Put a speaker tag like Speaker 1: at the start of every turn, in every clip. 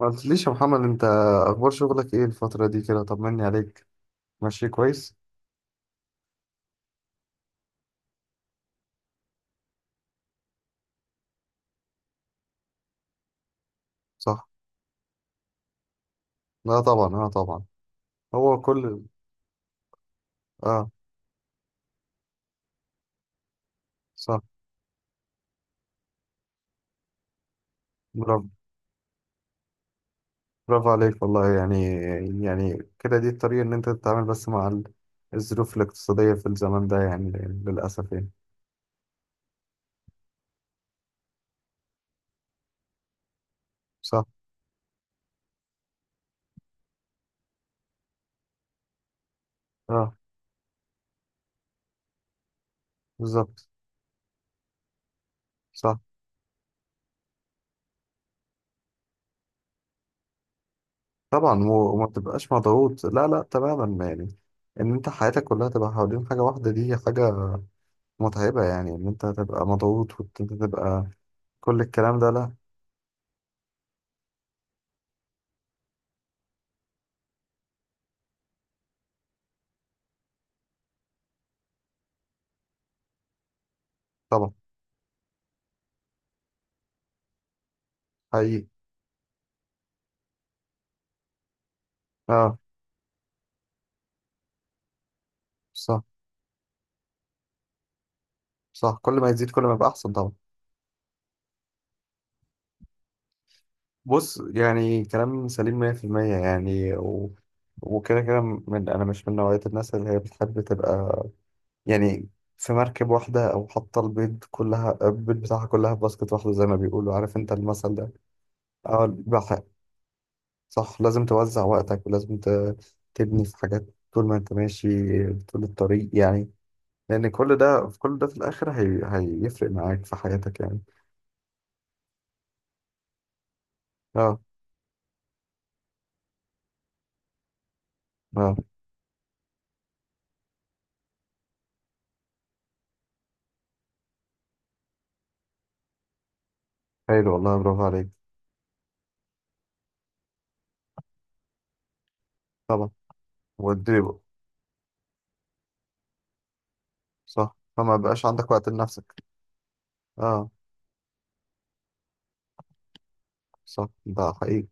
Speaker 1: ما قلتليش يا محمد انت؟ اخبار شغلك ايه الفترة دي كده؟ طمني عليك. ماشي كويس؟ صح. لا طبعا، اه طبعا. هو كل اه صح. برافو، برافو عليك والله يعني. يعني كده دي الطريقة ان انت تتعامل بس مع الظروف الاقتصادية في الزمن ده يعني، للأسف يعني. صح. اه بالظبط. صح طبعا وما تبقاش مضغوط، لا لا تماما يعني. ان انت حياتك كلها تبقى حوالين حاجة واحدة، دي حاجة متعبة يعني، ان انت تبقى مضغوط وانت تبقى كل الكلام ده، لا طبعا. حقيقي. اه صح. صح، كل ما يزيد كل ما يبقى احسن طبعا. بص، يعني كلام سليم 100% يعني وكده كده، انا مش من نوعية الناس اللي هي بتحب تبقى يعني في مركب واحدة، او حاطة البيض بتاعها كلها في باسكت واحدة، زي ما بيقولوا، عارف انت المثل ده. اه بحق. صح، لازم توزع وقتك ولازم تبني في حاجات، طول ما انت ماشي، طول الطريق يعني. لان كل ده في الاخر هيفرق معاك في حياتك يعني. اه اه، حلو والله، برافو عليك. طبعا والدريبل. صح، فما بقاش عندك وقت لنفسك. اه صح. ده حقيقي.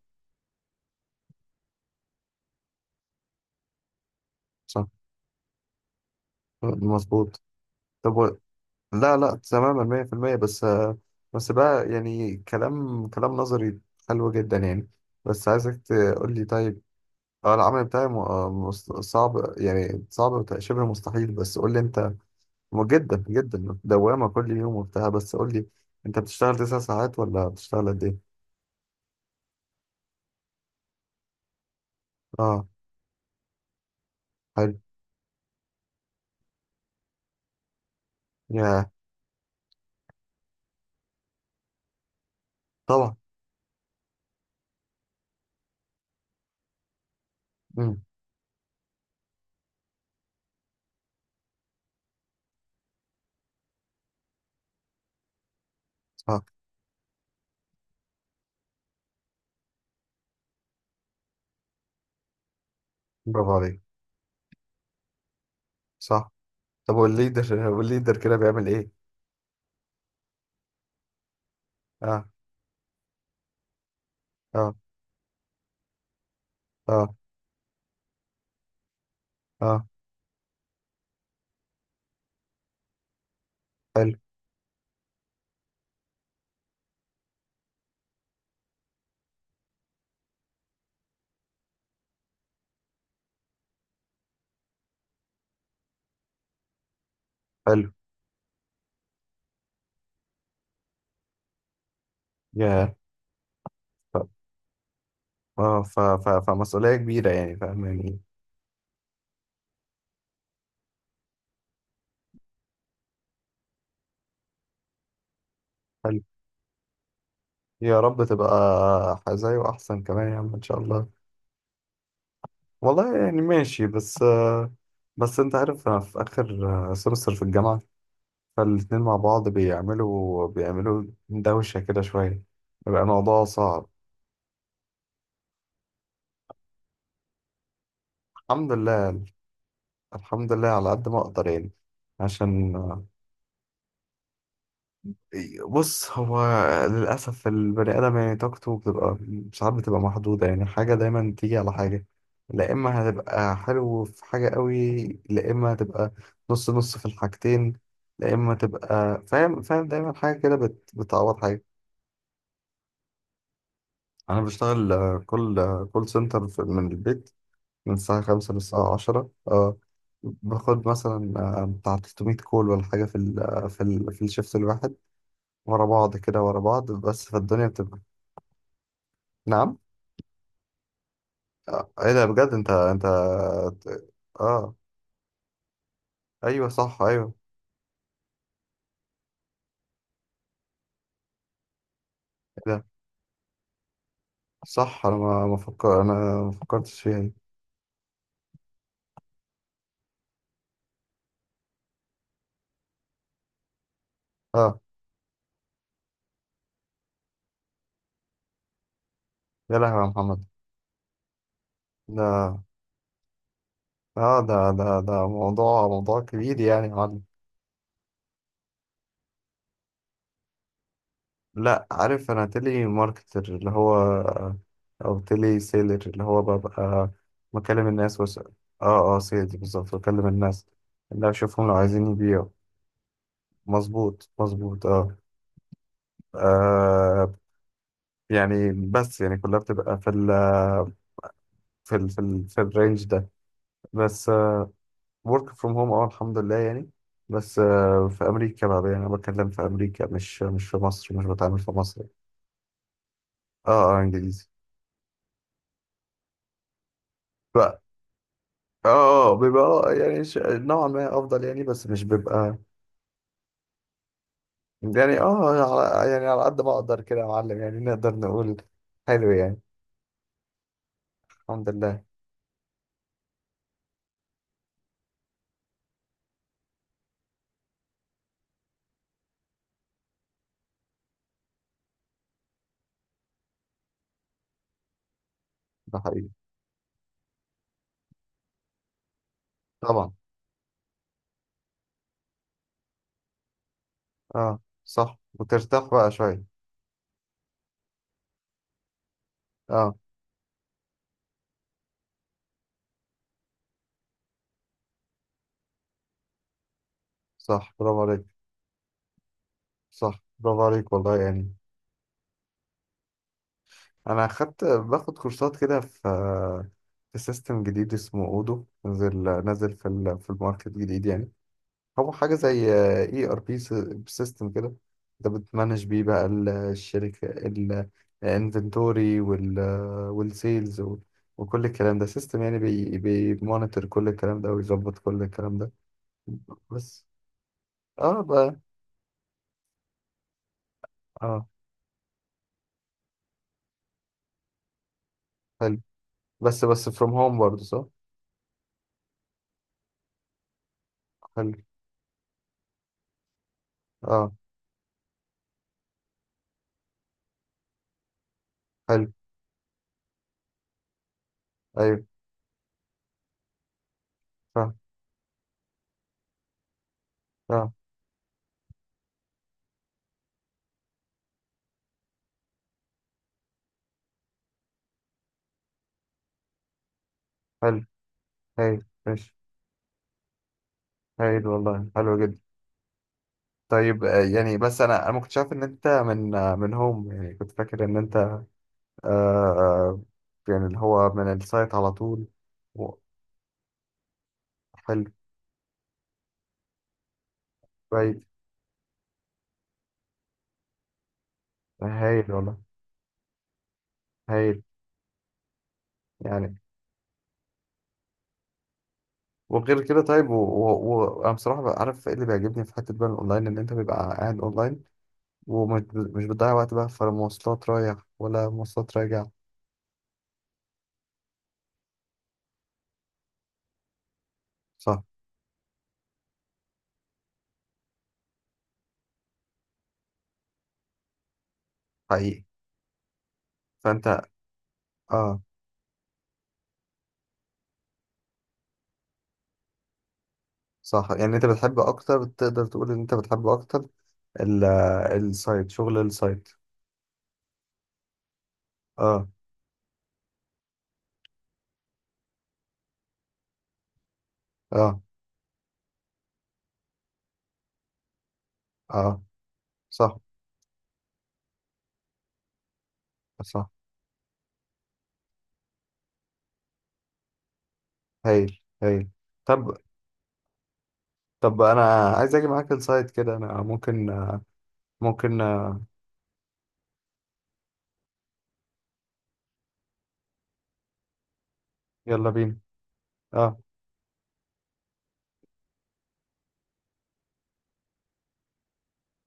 Speaker 1: صح. مظبوط. طب و... لا لا تماما 100%، بس بقى يعني كلام كلام نظري حلو جدا يعني، بس عايزك تقول لي. طيب. اه، العمل بتاعي صعب يعني، صعب شبه مستحيل، بس قول لي انت. جدا جدا، دوامة كل يوم وبتاع، بس قول لي، انت بتشتغل 9 ساعات ولا بتشتغل قد ايه؟ اه حلو. يا طبعا. امم صح، برافو عليك. صح. طب والليدر، كده بيعمل ايه؟ اه اه اه اه، حلو حلو، يا ف... اه ف... ف... فمسؤولية كبيرة يعني، فاهم يعني إيه؟ حلو، يا رب تبقى زيه، احسن كمان يا عم ان شاء الله. والله يعني ماشي، بس انت عارف انا في اخر سمستر في الجامعة، فالاتنين مع بعض بيعملوا دوشة كده شوية، بيبقى الموضوع صعب. الحمد لله، الحمد لله على قد ما اقدر يعني، عشان بص هو، للاسف البني ادم يعني طاقته ساعات بتبقى محدوده يعني، حاجه دايما تيجي على حاجه. لا اما هتبقى حلو في حاجه قوي. لا اما هتبقى نص نص في الحاجتين. لا اما تبقى فاهم، فاهم دايما حاجه كده بتعوض حاجه. انا بشتغل كول سنتر من البيت، من الساعة 5 للساعة 10. اه. باخد مثلا بتاع 300 كول ولا حاجة في ال آه، في ال في الشيفت الواحد، ورا بعض كده ورا بعض، بس فالدنيا بتبقى. نعم. ايه ده بجد، انت. اه ايوه صح ايوه. ايه ده؟ صح، انا ما ما فكر انا ما فكرتش فيها دي. اه، يا لهوي يا محمد. ده اه ده ده ده موضوع، كبير يعني، يا معلم. لا، عارف انا تيلي ماركتر اللي هو، او تيلي سيلر اللي هو، ببقى بكلم الناس واسأل. اه اه، سيلز بالظبط، بكلم الناس اللي اشوفهم لو عايزين يبيعوا. مظبوط مظبوط اه. آه، يعني بس يعني كلها بتبقى في الرينج ده بس. ورك فروم هوم. اه الحمد لله يعني. بس في امريكا بقى، يعني انا بتكلم في امريكا، مش في مصر، مش بتعامل في مصر. اه اه انجليزي. اه اه بيبقى، اه يعني نوعا ما افضل يعني، بس مش بيبقى. يعني اه يعني على قد ما اقدر كده يا معلم، يعني نقدر نقول حلو يعني. الحمد لله. ده حقيقي. طبعا. اه صح، وترتاح بقى شوية. اه صح، برافو عليك. صح، برافو عليك والله يعني. انا باخد كورسات كده، في في سيستم جديد اسمه اودو، نزل في في الماركت جديد يعني، هو حاجة زي ERP، سيستم كده، انت بتمانج بيه بقى الشركة، الانفنتوري والسيلز، وكل الكلام ده سيستم يعني بيمونيتور كل الكلام ده ويظبط كل الكلام ده. بس اه بقى، اه حلو، بس فروم هوم برضه، صح. حلو. اه حلو. ايوه فاهم. اه حلو. هايل ماشي. هايل والله، حلو جدا. طيب يعني بس انا ما كنتش عارف ان انت من من هوم، يعني كنت فاكر ان انت آه يعني اللي هو من السايت على طول. و- حلو، كويس. هايل والله. هايل يعني، وغير كده. طيب وانا وانا بصراحه بقى، عارف ايه اللي بيعجبني في حته بقى الاونلاين؟ ان انت بيبقى قاعد اونلاين، ومش ب- مش بتضيع وقت بقى في مواصلات رايح ولا مواصلات راجع. صح حقيقي. فانت اه صح، يعني انت بتحب اكتر، تقدر تقول ان انت بتحب اكتر ال- السايت، شغل السايت؟ اه اه اه. صح صح. هايل هايل. طب طب انا عايز اجي معاك انسايد كده، انا ممكن، ممكن، يلا بينا. اه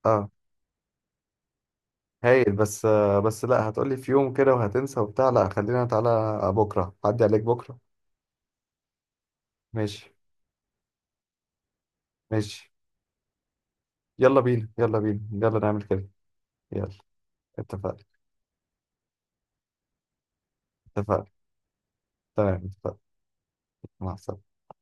Speaker 1: اه، هايل. بس لا، هتقولي في يوم كده وهتنسى وبتاع، لا خلينا، تعالى بكره، عدي عليك بكره. ماشي ماشي. يلا بينا، يلا بينا. يلا نعمل كده. يلا، اتفقنا، اتفقنا. تمام، اتفقنا. مع السلامه.